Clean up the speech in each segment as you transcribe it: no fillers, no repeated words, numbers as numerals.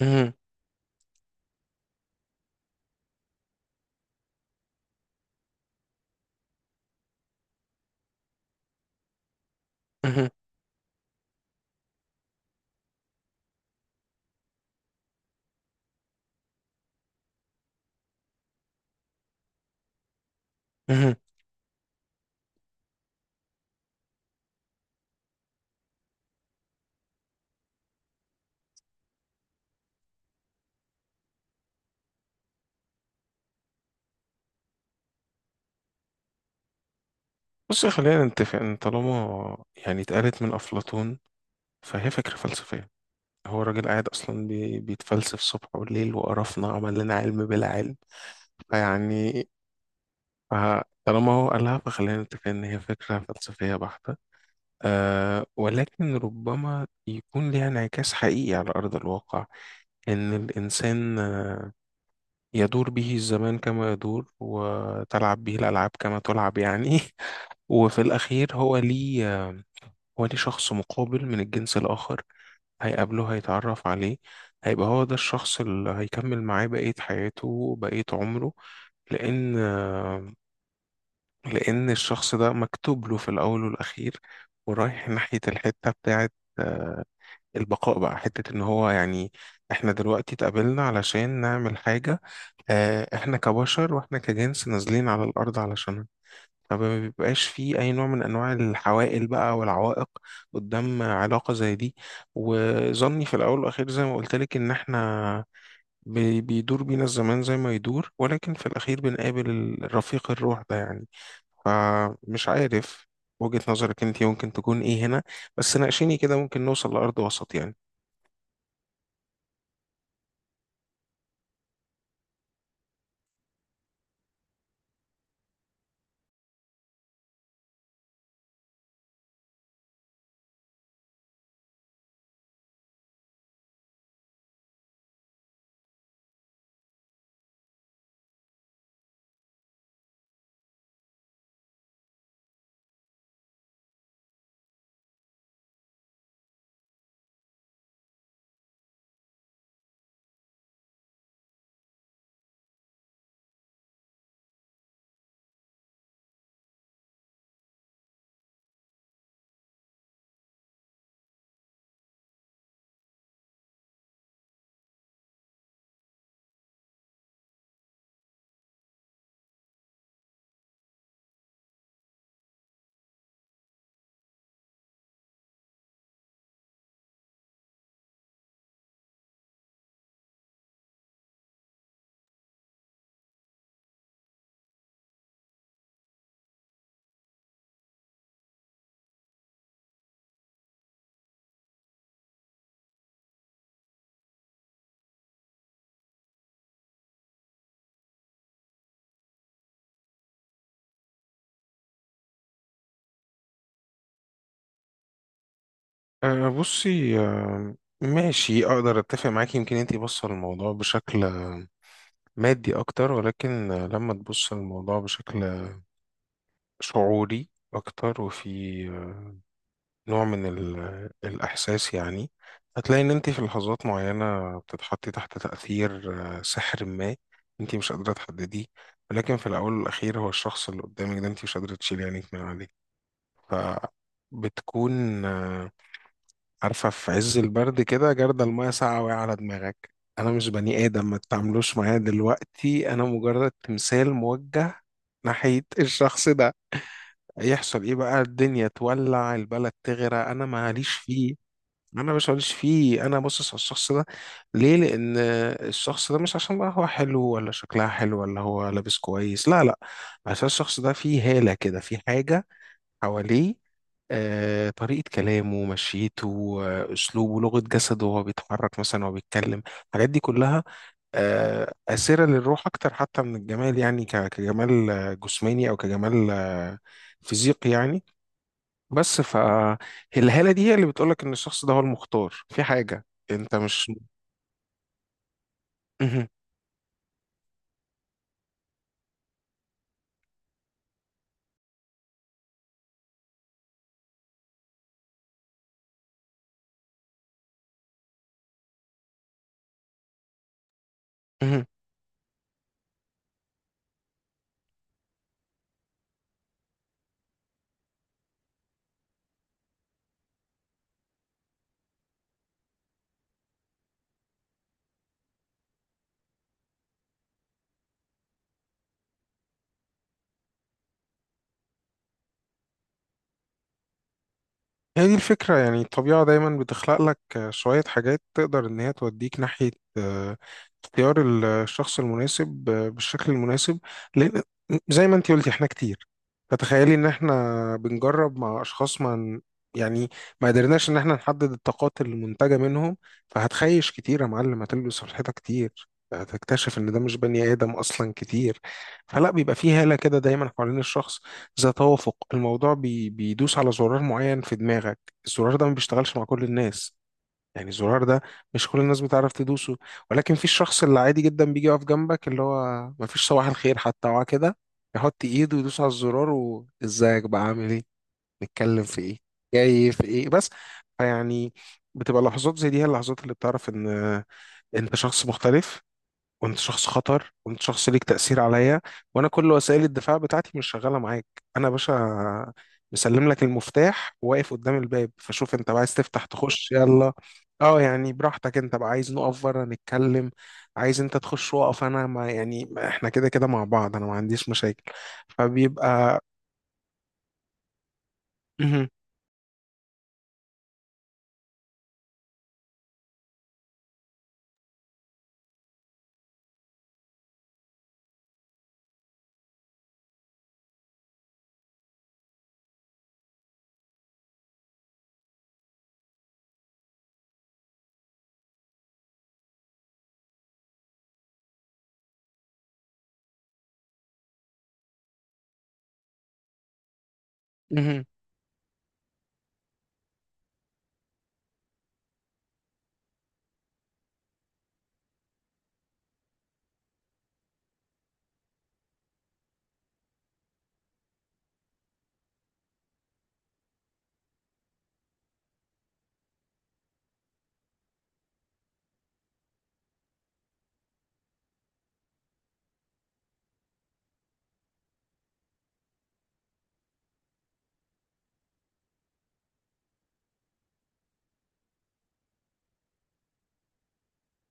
مهم. مهم. مهم. بص، خلينا نتفق ان طالما يعني اتقالت من افلاطون فهي فكره فلسفيه. هو الراجل قاعد اصلا بيتفلسف صبح وليل وقرفنا، عمل لنا علم بلا علم. فيعني ف- طالما هو قالها فخلينا نتفق ان هي فكره فلسفيه بحته. ولكن ربما يكون ليها انعكاس حقيقي على ارض الواقع، ان الانسان يدور به الزمان كما يدور وتلعب به الألعاب كما تلعب يعني. وفي الأخير، هو ليه شخص مقابل من الجنس الآخر هيقابله، هيتعرف عليه، هيبقى هو ده الشخص اللي هيكمل معاه بقية حياته، بقية عمره. لأن لأن الشخص ده مكتوب له في الأول والأخير، ورايح ناحية الحتة بتاعت البقاء، بقى حتة ان هو يعني احنا دلوقتي اتقابلنا علشان نعمل حاجة. احنا كبشر واحنا كجنس نازلين على الارض علشانها. فما بيبقاش فيه اي نوع من انواع الحوائل بقى والعوائق قدام علاقة زي دي. وظني في الاول والاخير، زي ما قلت لك، ان احنا بيدور بينا الزمان زي ما يدور، ولكن في الاخير بنقابل الرفيق الروح ده يعني. فمش عارف وجهة نظرك انت ممكن تكون ايه هنا. بس ناقشيني كده، ممكن نوصل لأرض وسط يعني. أه، بصي، ماشي، اقدر اتفق معاكي. يمكن انتي بص على الموضوع بشكل مادي اكتر، ولكن لما تبص الموضوع بشكل شعوري اكتر وفي آه، نوع من الاحساس يعني، هتلاقي ان انتي في لحظات معينة بتتحطي تحت تأثير سحر ما انتي مش قادرة تحدديه، ولكن في الاول والاخير هو الشخص اللي قدامك ده انتي مش قادرة تشيلي عينيك من عليه. فبتكون عارفة، في عز البرد كده جردل المية ساقعة وقع على دماغك. أنا مش بني آدم، ما تتعاملوش معايا دلوقتي، أنا مجرد تمثال موجه ناحية الشخص ده. يحصل إيه بقى، الدنيا تولع، البلد تغرق، أنا ماليش فيه. أنا مش ماليش فيه، أنا باصص على الشخص ده. ليه؟ لأن الشخص ده مش عشان بقى هو حلو، ولا شكلها حلو، ولا هو لابس كويس. لا، لا. عشان الشخص ده فيه هالة كده، فيه حاجة حواليه. طريقة كلامه، مشيته، أسلوبه، لغة جسده وهو بيتحرك مثلا وهو بيتكلم، الحاجات دي كلها آسرة للروح أكتر حتى من الجمال يعني، كجمال جسماني، أو كجمال فيزيقي يعني. بس فالهالة دي هي اللي بتقولك إن الشخص ده هو المختار، في حاجة أنت مش... مهم. هي دي الفكرة يعني. الطبيعة دايما بتخلق لك شوية حاجات تقدر إن هي توديك ناحية آه، اختيار الشخص المناسب بالشكل المناسب. لأن، زي ما انتي قلتي، احنا كتير. فتخيلي إن احنا بنجرب مع أشخاص ما يعني ما قدرناش إن احنا نحدد الطاقات المنتجة منهم. فهتخيش كتير يا معلم، هتلبس في الحيطة كتير، هتكتشف إن ده مش بني آدم أصلا كتير. فلا، بيبقى فيه هالة كده دايما حوالين الشخص، ذا توافق، الموضوع بيدوس على زرار معين في دماغك. الزرار ده ما بيشتغلش مع كل الناس. يعني الزرار ده مش كل الناس بتعرف تدوسه، ولكن في الشخص اللي عادي جدا بيجي يقف جنبك، اللي هو ما فيش صباح الخير حتى، هو كده يحط ايده ويدوس على الزرار: وازيك بقى، عامل ايه، نتكلم في ايه، جاي في ايه، بس. فيعني بتبقى لحظات زي دي هي اللحظات اللي بتعرف ان انت شخص مختلف، وانت شخص خطر، وانت شخص ليك تأثير عليا، وانا كل وسائل الدفاع بتاعتي مش شغالة معاك. انا يا باشا مسلم لك المفتاح وواقف قدام الباب، فشوف انت بقى عايز تفتح تخش، يلا. اه يعني براحتك، انت بقى عايز نقف بره نتكلم، عايز انت تخش واقف، انا ما يعني ما احنا كده كده مع بعض، انا ما عنديش مشاكل. فبيبقى... مهم. مهم.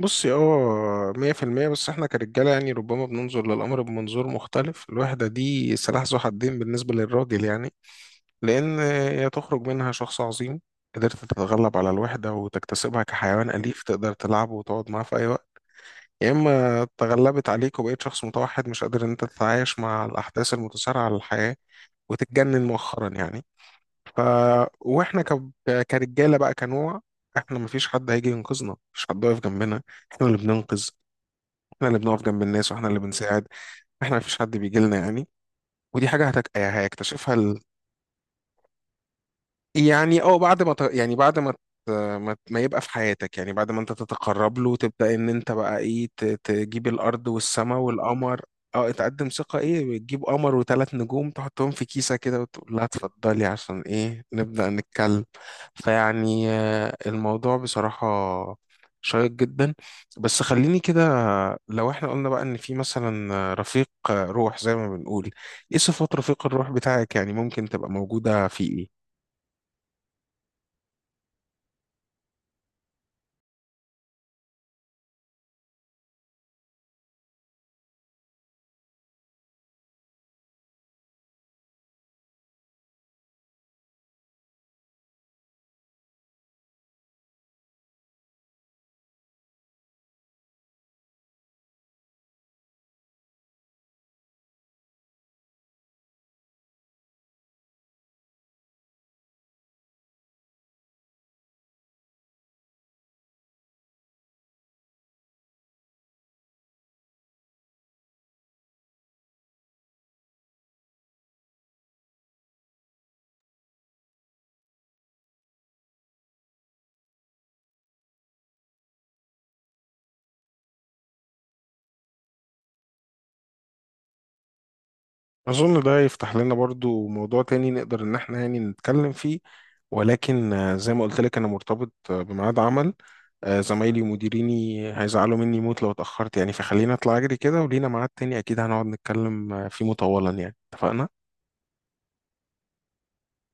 بصي، 100%. بس احنا كرجالة يعني ربما بننظر للأمر بمنظور مختلف. الوحدة دي سلاح ذو حدين بالنسبة للراجل يعني، لأن هي تخرج منها شخص عظيم قدرت تتغلب على الوحدة وتكتسبها كحيوان أليف تقدر تلعبه وتقعد معاه في أي وقت، يا إما تغلبت عليك وبقيت شخص متوحد مش قادر إن أنت تتعايش مع الأحداث المتسارعة للحياة وتتجنن مؤخرا يعني. ف وإحنا كرجالة بقى، كنوع، إحنا مفيش حد هيجي ينقذنا، مفيش حد واقف جنبنا. إحنا اللي بننقذ، إحنا اللي بنقف جنب الناس، وإحنا اللي بنساعد. إحنا مفيش حد بيجي لنا يعني. ودي حاجة هيكتشفها. يعني بعد ما يعني بعد ما ما يبقى في حياتك، يعني بعد ما انت تتقرب له، تبدأ ان انت بقى ايه تجيب الارض والسماء والقمر. اه، تقدم ثقة، ايه، تجيب قمر وثلاث نجوم تحطهم في كيسة كده وتقول لها اتفضلي. عشان ايه؟ نبدأ نتكلم. فيعني الموضوع بصراحة شيق جدا. بس خليني كده، لو احنا قلنا بقى ان في مثلا رفيق روح، زي ما بنقول، ايه صفات رفيق الروح بتاعك يعني، ممكن تبقى موجودة في ايه؟ أظن ده يفتح لنا برضو موضوع تاني نقدر إن احنا يعني نتكلم فيه، ولكن زي ما قلت لك أنا مرتبط بميعاد عمل، زمايلي ومديريني هيزعلوا مني موت لو اتأخرت يعني. فخلينا أطلع أجري كده ولينا ميعاد تاني أكيد هنقعد نتكلم فيه مطولا يعني. اتفقنا؟